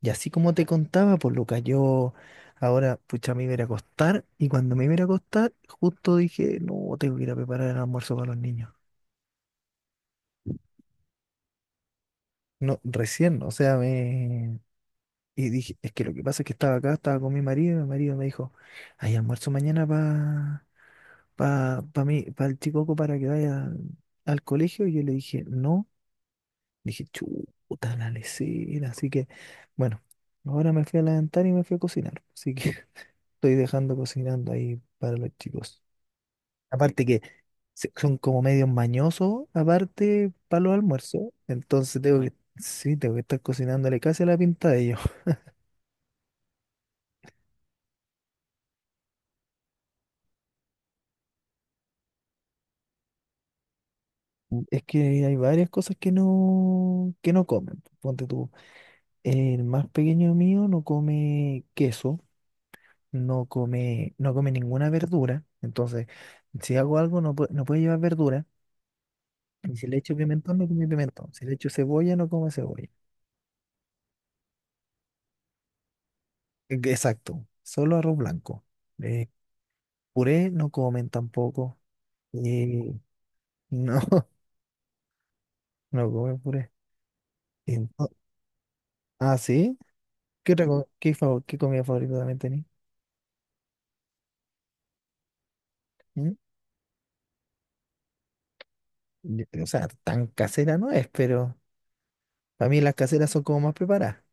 Y así como te contaba, pues Lucas, yo ahora, pucha, me iba a ir a acostar y cuando me iba a ir a acostar, justo dije, no, tengo que ir a preparar el almuerzo para los niños. No, recién, o sea, Y dije, es que lo que pasa es que estaba acá, estaba con mi marido y mi marido me dijo, hay almuerzo mañana para pa mí, para el chicoco para que vaya al colegio. Y yo le dije, no, dije, chuta la lesera. Así que, bueno, ahora me fui a levantar y me fui a cocinar. Así que estoy dejando cocinando ahí para los chicos. Aparte que son como medios mañosos, aparte para los almuerzos. Entonces tengo que, sí, tengo que estar cocinándole casi a la pinta de ellos. Es que hay varias cosas que no comen. Ponte tú. El más pequeño mío no come queso, no come, no come ninguna verdura. Entonces, si hago algo, no, no puede llevar verdura. Y si le echo pimentón, no come pimentón. Si le echo cebolla, no come cebolla. Exacto, solo arroz blanco. Eh, puré no comen tampoco. Eh, no, no comen puré. Ento- ah, ¿sí? ¿Qué, qué, qué comida favorita también tenés? ¿Mm? O sea, tan casera no es, pero para mí las caseras son como más preparadas.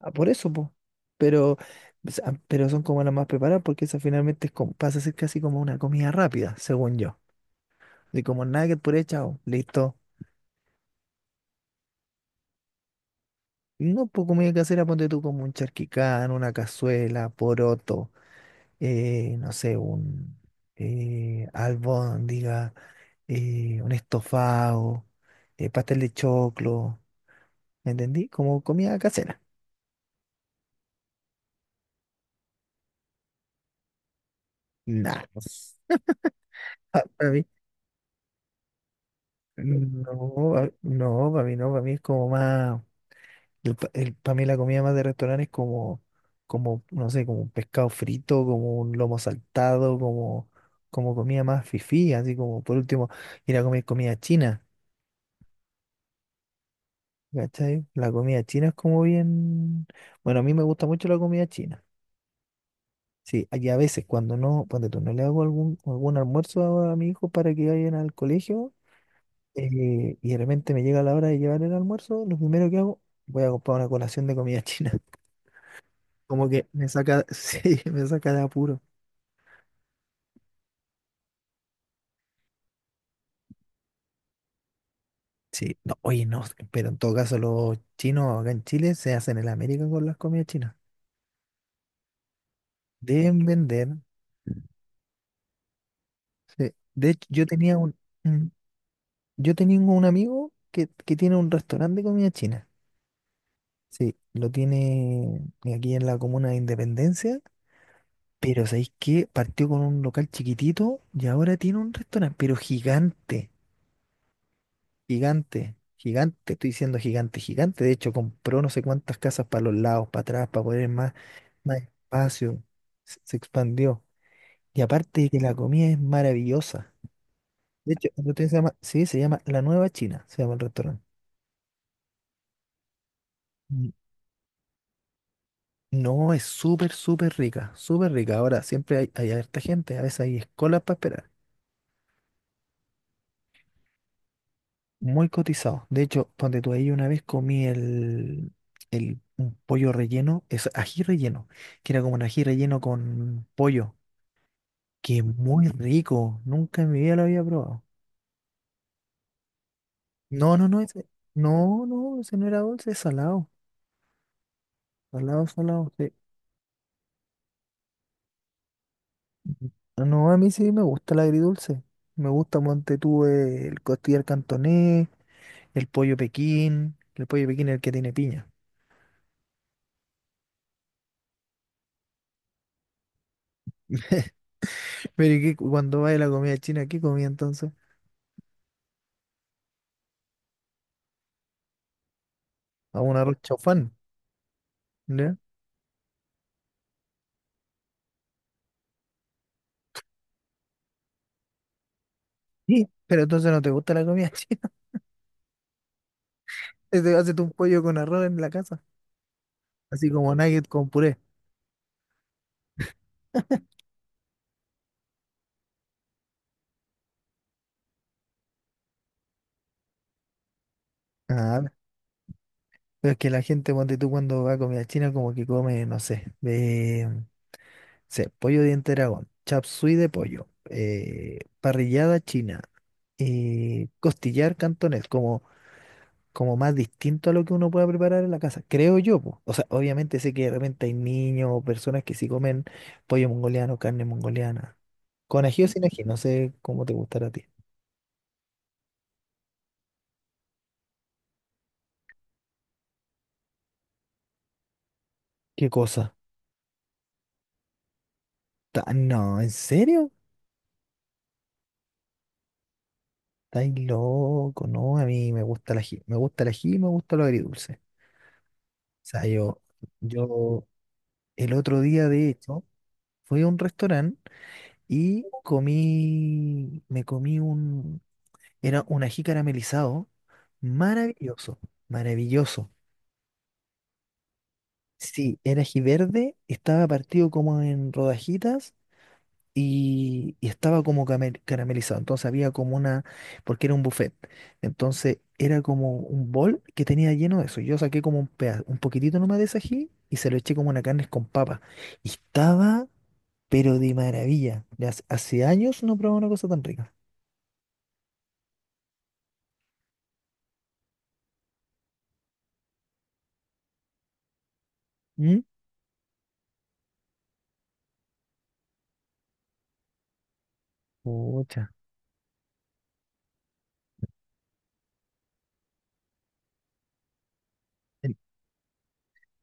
Ah, por eso, pues. Pero, o sea, pero son como las más preparadas porque esa finalmente es pasa a ser casi como una comida rápida, según yo. De como nugget, puré, chao, listo. No, pues comida casera, ponte tú como un charquicán, una cazuela, poroto, no sé, un albóndiga, un estofado, pastel de choclo, ¿me entendí? Como comida casera. Nah, para mí, no, no, para mí no, para mí es como más, el, para mí la comida más de restaurante es como, como, no sé, como un pescado frito, como un lomo saltado, como, como comida más fifí, así como, por último, ir a comer comida china. ¿Cachai? La comida china es como bien. Bueno, a mí me gusta mucho la comida china. Sí, y a veces cuando no, cuando tú no le hago algún, algún almuerzo a mi hijo para que vayan al colegio, y de repente me llega la hora de llevar el almuerzo, lo primero que hago, voy a comprar una colación de comida china. Como que me saca, sí, me saca de apuro. Sí, no, oye, no, pero en todo caso los chinos acá en Chile se hacen en América con las comidas chinas. Deben vender. Sí. De hecho, yo tenía un, Yo tengo un amigo que tiene un restaurante de comida china. Sí, lo tiene aquí en la comuna de Independencia. Pero ¿sabéis qué? Partió con un local chiquitito y ahora tiene un restaurante, pero gigante, gigante, gigante. Estoy diciendo gigante, gigante. De hecho, compró no sé cuántas casas para los lados, para atrás, para poner más, más espacio. Se expandió. Y aparte de que la comida es maravillosa. De hecho, el restaurante se llama, sí, se llama La Nueva China, se llama el restaurante. No, es súper, súper rica, súper rica. Ahora, siempre hay, hay harta gente, a veces hay escolas para esperar. Muy cotizado. De hecho, donde tú ahí una vez comí el un pollo relleno, es ají relleno, que era como un ají relleno con pollo, que es muy rico. Nunca en mi vida lo había probado. No, no, no, ese, no, no, ese no era dulce, es salado. Salado, salado, sí. No, a mí sí me gusta el agridulce. Me gusta, monte tú, el costillar cantonés. El pollo Pekín es el que tiene piña. Pero ¿y cuando va a la comida china, ¿qué comía entonces? A un arroz chaufán, ya. Sí. Pero entonces no te gusta la comida china. Te haces tú un pollo con arroz en la casa, así como nugget con puré. Ah, pero es que la gente, ponte tú, cuando va a comida china, como que come, no sé, de, sé, pollo diente de dragón, chop suey de pollo, parrillada china, costillar cantonés, como como más distinto a lo que uno pueda preparar en la casa, creo yo, po. O sea, obviamente sé que de repente hay niños o personas que sí comen pollo mongoliano, carne mongoliana. Con ají o sin ají, no sé cómo te gustará a ti. ¿Qué cosa? No, ¿en serio? Estáis loco, no, a mí me gusta el ají, me gusta el ají y me gusta lo agridulce. O sea, yo el otro día, de hecho, fui a un restaurante y comí, me comí un era un ají caramelizado, maravilloso, maravilloso. Sí, era ají verde, estaba partido como en rodajitas y estaba como caramelizado. Entonces había como una, porque era un buffet. Entonces era como un bol que tenía lleno de eso. Yo saqué como un un poquitito nomás de ese ají y se lo eché como una carne con papa. Y estaba, pero de maravilla. Hace años no probaba una cosa tan rica. ¿Mm? Pucha.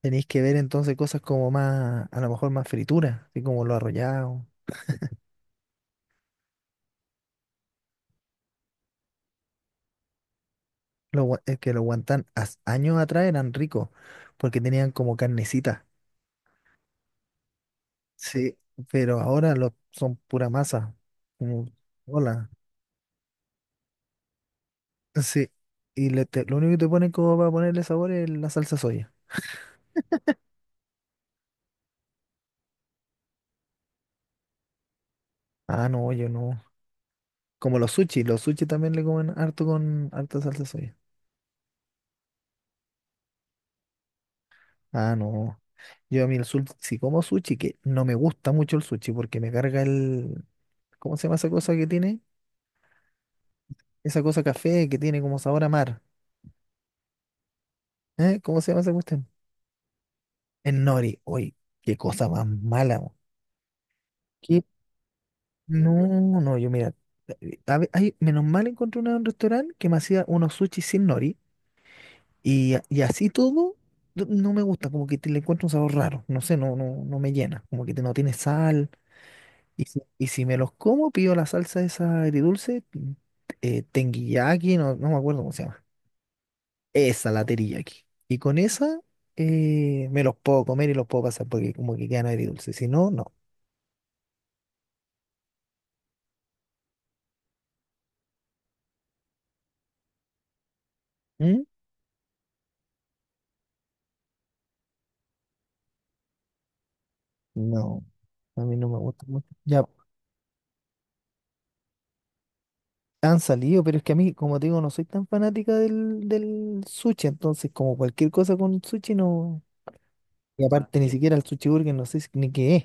Tenéis que ver entonces cosas como más, a lo mejor más frituras, así como los arrollados. Los, es que los guantán años atrás eran ricos, porque tenían como carnecita. Sí, pero ahora los, son pura masa. Como, hola. Sí. Y lo único que te ponen como para ponerle sabor es la salsa soya. Ah, no, yo no. Como los sushi también le comen harto con harta salsa soya. Ah, no. Yo a mí el sushi, si como sushi, que no me gusta mucho el sushi porque me carga el, ¿cómo se llama esa cosa que tiene? Esa cosa café que tiene como sabor a mar. ¿Eh? ¿Cómo se llama esa cuestión? El nori. Oye, qué cosa más mala. Mo. ¿Qué? No, no, yo mira. Ay, menos mal encontré una en un restaurante que me hacía unos sushi sin nori. Y, y así todo, no me gusta. Como que le encuentro un sabor raro. No sé, no, no, no me llena. Como que no tiene sal. Y si me los como, pido la salsa esa agridulce. No, no me acuerdo cómo se llama. Esa la teriyaki. Y con esa me los puedo comer y los puedo pasar porque como que quedan agridulces. Si no, no. ¿Mm? No, a mí no me gusta mucho. Ya han salido, pero es que a mí, como te digo, no soy tan fanática del sushi. Entonces, como cualquier cosa con sushi, no. Y aparte, ni siquiera el sushi burger, no sé ni qué es.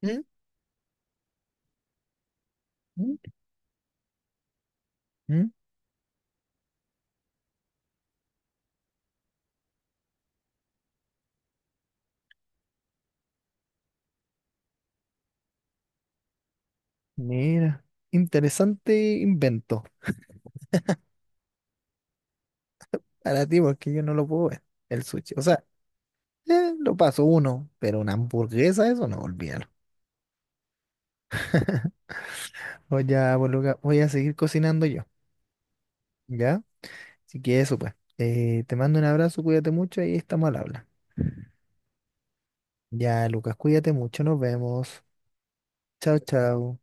¿Mm? ¿Mm? ¿Mm? Mira, interesante invento para ti, porque yo no lo puedo ver, el sushi. O sea, lo paso uno, pero una hamburguesa, eso no, olvídalo. Pues ya, pues Luca, voy a seguir cocinando yo, ¿ya? Así que eso, pues. Te mando un abrazo, cuídate mucho y estamos al habla. Ya, Lucas, cuídate mucho, nos vemos. Chao, chao.